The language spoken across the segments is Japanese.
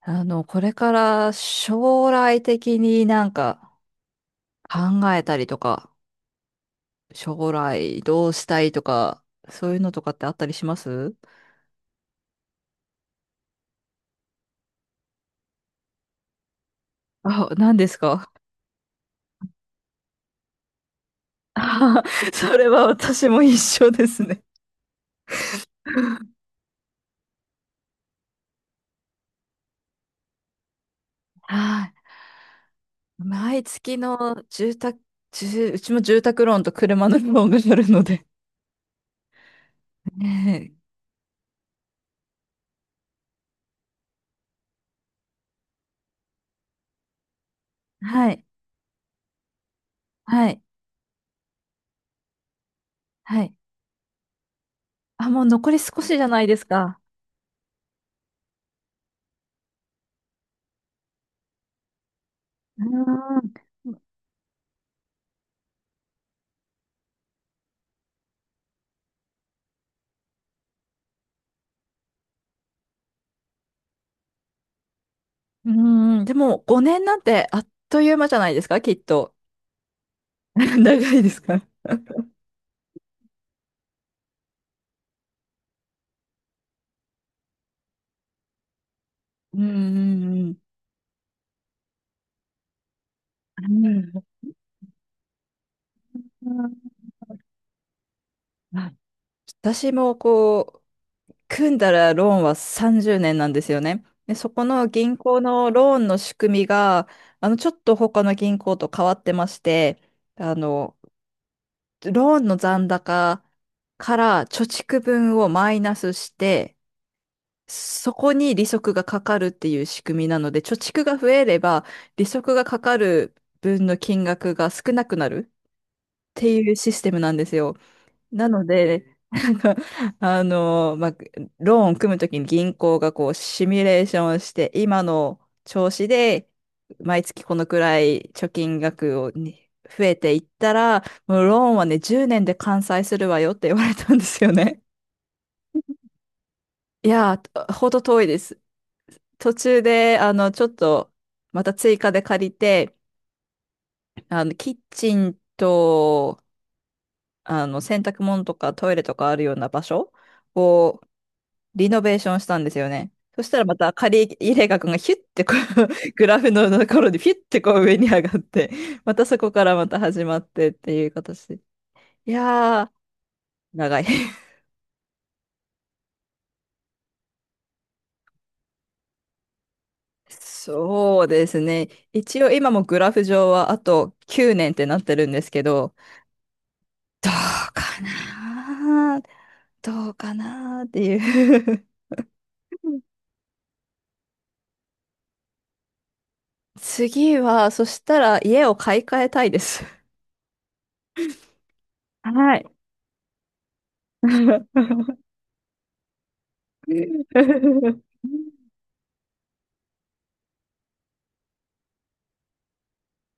これから将来的になんか考えたりとか、将来どうしたいとか、そういうのとかってあったりしますあ、何ですか？あ それは私も一緒ですね。はい。毎月の住宅、うちも住宅ローンと車のローンがあるので。ね。はい。はい。はい。あ、もう残り少しじゃないですか。うーん。うーん。でも5年なんてあっという間じゃないですか、きっと。長いですか？うんうんうんうん。あ、私もこう、組んだらローンは30年なんですよね。で、そこの銀行のローンの仕組みが、ちょっと他の銀行と変わってまして、あの、ローンの残高から貯蓄分をマイナスして、そこに利息がかかるっていう仕組みなので、貯蓄が増えれば、利息がかかる分の金額が少なくなる。ていうシステムなんですよ。なので、なんか、まあ、ローンを組むときに銀行がこう、シミュレーションをして、今の調子で、毎月このくらい貯金額をに増えていったら、もうローンはね、10年で完済するわよって言われたんですよね。いやー、ほど遠いです。途中で、ちょっと、また追加で借りて、キッチンと、洗濯物とかトイレとかあるような場所をリノベーションしたんですよね。そしたらまた借り入れ額がヒュッてこう グラフのところでヒュッてこう上に上がって、またそこからまた始まってっていう形で。いやー、長い。そうですね。一応今もグラフ上はあと9年ってなってるんですけど、どうかなどうかなっていう。 次は、そしたら家を買い替えたいです。はい。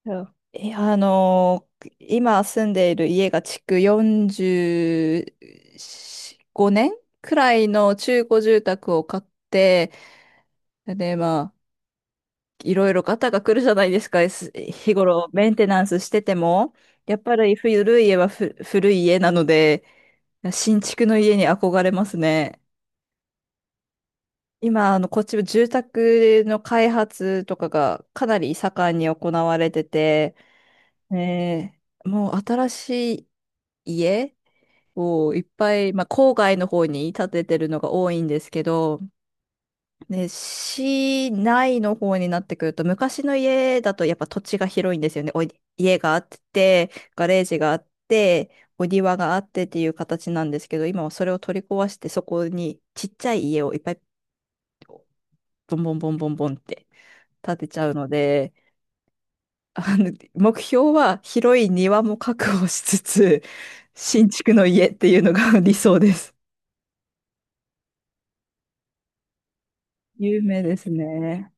そういや、今住んでいる家が築45年くらいの中古住宅を買って、で、まあ、いろいろガタが来るじゃないですか、日頃メンテナンスしてても。やっぱり古い家は古い家なので、新築の家に憧れますね。今、こっちは住宅の開発とかがかなり盛んに行われてて、ねえ、もう新しい家をいっぱい、まあ、郊外の方に建ててるのが多いんですけど、ね、市内の方になってくると、昔の家だとやっぱ土地が広いんですよね。家があって、ガレージがあって、お庭があってっていう形なんですけど、今はそれを取り壊して、そこにちっちゃい家をいっぱいボンボンボンボンボンって立てちゃうので、目標は広い庭も確保しつつ、新築の家っていうのが 理想です。有名ですね。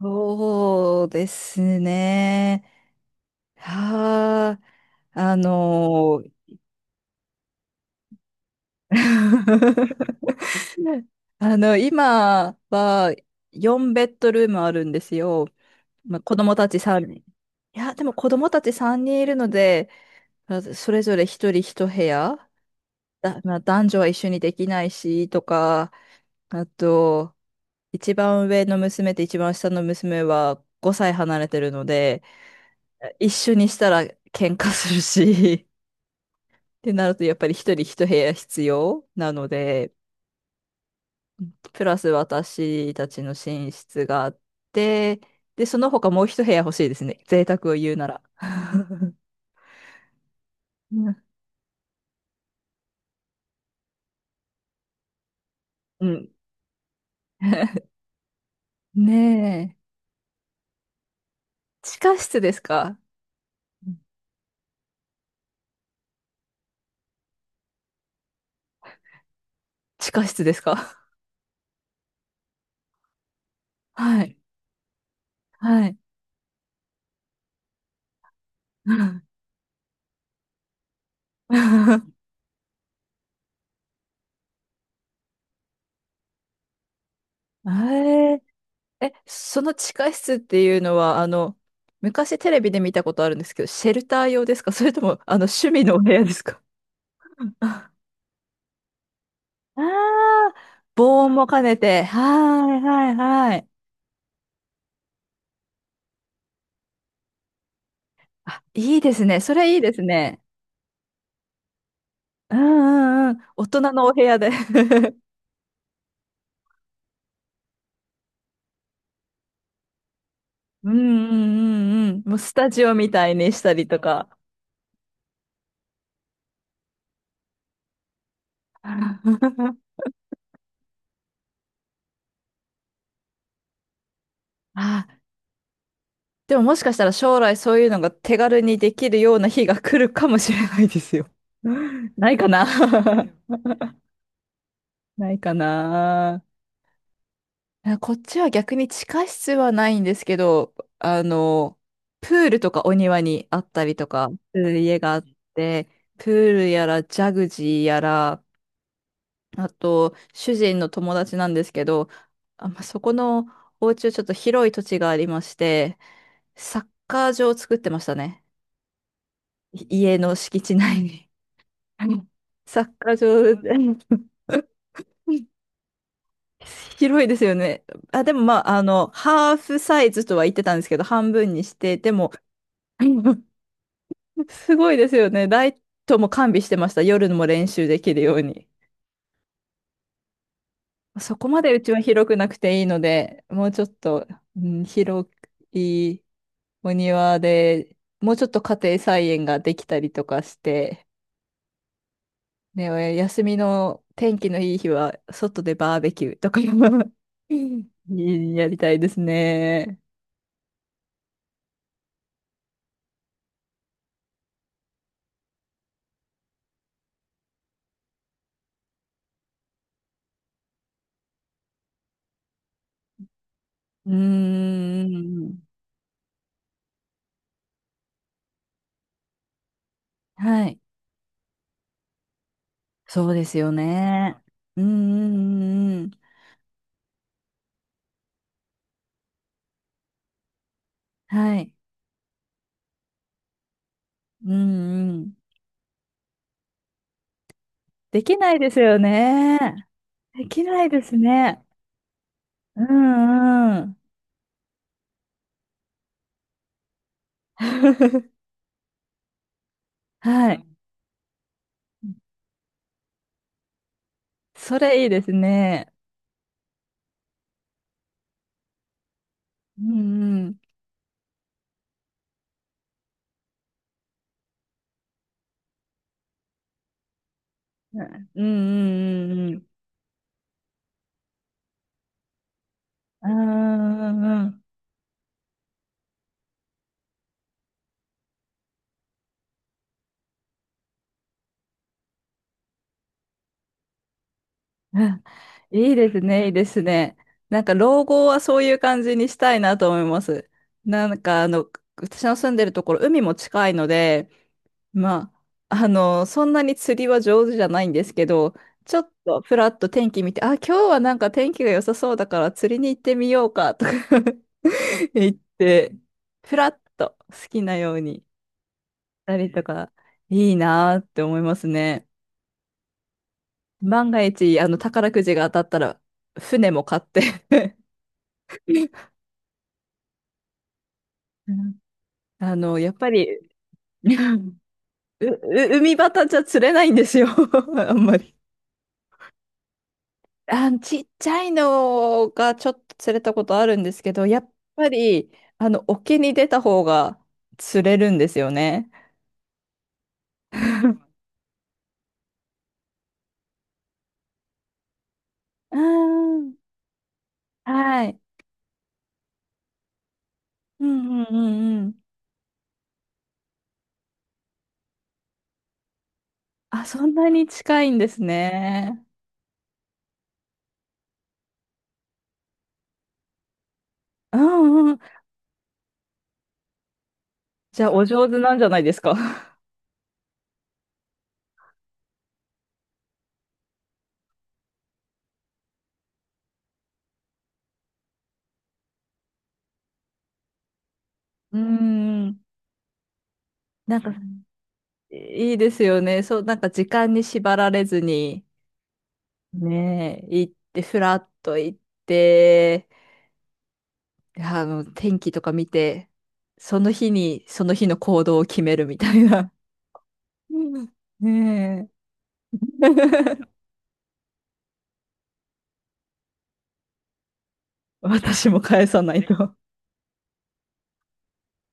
そうですね。はあ、あのー 今は4ベッドルームあるんですよ。まあ、子供たち3人。いや、でも子供たち3人いるので、まあそれぞれ1人1部屋だ、まあ、男女は一緒にできないし、とか、あと、一番上の娘と一番下の娘は5歳離れてるので、一緒にしたら喧嘩するし、ってなるとやっぱり一人一部屋必要なので、プラス私たちの寝室があって、で、その他もう一部屋欲しいですね。贅沢を言うなら。うんうん。ねえ。地下室ですか？うん。地下室ですか？ はい。はい。ええ、その地下室っていうのは、昔テレビで見たことあるんですけど、シェルター用ですか？ それとも、趣味のお部屋ですか？あ あー、防音も兼ねて。はいはいはい。あ、いいですね。それいいですね。うんうんうん。大人のお部屋で。うんうんうんうん。もうスタジオみたいにしたりとか。あ、でももしかしたら将来そういうのが手軽にできるような日が来るかもしれないですよ。ないかな。 ないかな。いや、こっちは逆に地下室はないんですけど、あの、プールとかお庭にあったりとかする家があって、プールやらジャグジーやら、あと主人の友達なんですけど、あ、まあ、そこのお家はちょっと広い土地がありまして、サッカー場を作ってましたね。家の敷地内に。うん。サッカー場で。 広いですよね。あ、でもまあ、ハーフサイズとは言ってたんですけど、半分にして、でも、うん、すごいですよね。ライトも完備してました。夜も練習できるように。そこまでうちは広くなくていいので、もうちょっと、うん、広いお庭で、もうちょっと家庭菜園ができたりとかして、ね、休みの天気のいい日は、外でバーベキューとか やりたいですね。うーん。はい。そうですよね。うんんん。はい。うんうん。できないですよね。できないですね。うんうん。はい。それいいですね。うんうん。うんうんうんうん。うんうんうん。 うん、いいですね、いいですね。なんか老後はそういう感じにしたいなと思います。なんか私の住んでるところ、海も近いので、まあ、そんなに釣りは上手じゃないんですけど、ちょっとふらっと天気見て、あ、今日はなんか天気が良さそうだから釣りに行ってみようかとか 言って、ふらっと好きなようにしたりとか、いいなーって思いますね。万が一、宝くじが当たったら、船も買って。 うん。やっぱり、うん、う、海端じゃ釣れないんですよ。 あんまり。あ、ちっちゃいのがちょっと釣れたことあるんですけど、やっぱり、沖に出た方が釣れるんですよね。うん、はい。うんうんうんうん。あ、そんなに近いんですね。うんうん。じゃあ、お上手なんじゃないですか。んうん。なんか、いいですよね。そう、なんか時間に縛られずに、ねえ、行って、ふらっと行って、で天気とか見て、その日に、その日の行動を決めるみたいな。うん、ねえ。私も返さないと。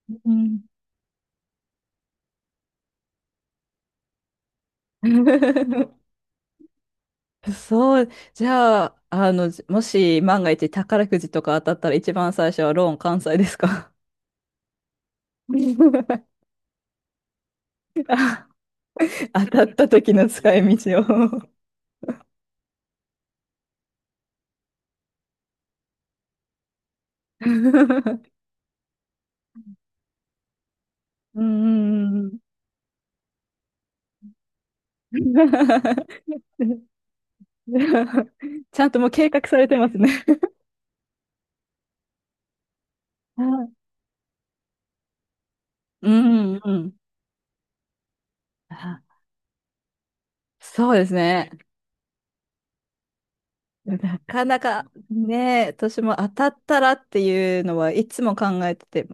うん そう、じゃあ、もし万が一宝くじとか当たったら一番最初はローン完済ですか？ あ、当たった時の使い道を。 うんうんうんうん。 ちゃんともう計画されてますね。 うんうんうん。あ、そうですね。なかなかね、私も当たったらっていうのはいつも考えてて、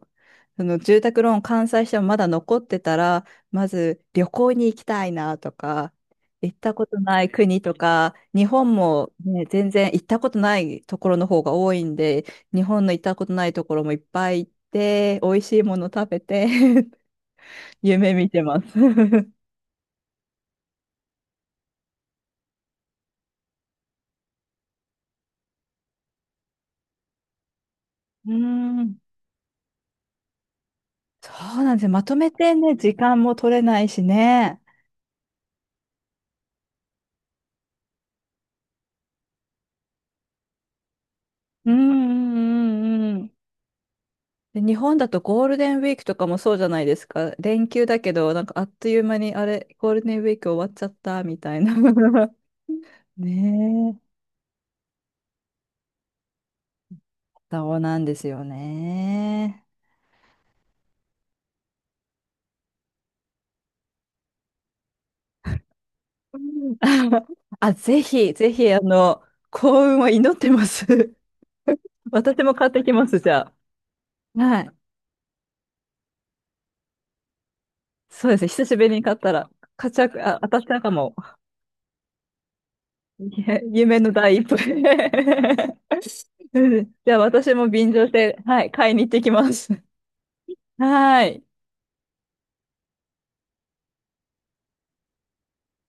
その住宅ローン完済してもまだ残ってたら、まず旅行に行きたいなとか、行ったことない国とか、日本も、ね、全然行ったことないところの方が多いんで、日本の行ったことないところもいっぱい行って、美味しいもの食べて。 夢見てます。うーん、そうなんですよ。まとめてね、時間も取れないしね。うんうんうんうん。で、日本だとゴールデンウィークとかもそうじゃないですか。連休だけど、なんかあっという間に、あれ、ゴールデンウィーク終わっちゃったみたいな。ねえ、そうなんですよね。うん あ、ぜひ、ぜひ、幸運を祈ってます。私も買ってきます、じゃあ。はい。そうですね、久しぶりに買ったら、買っちゃう、あ、当たっちゃうかも。いや、夢の第一歩。うん、じゃあ私も便乗して、はい、買いに行ってきます。はい。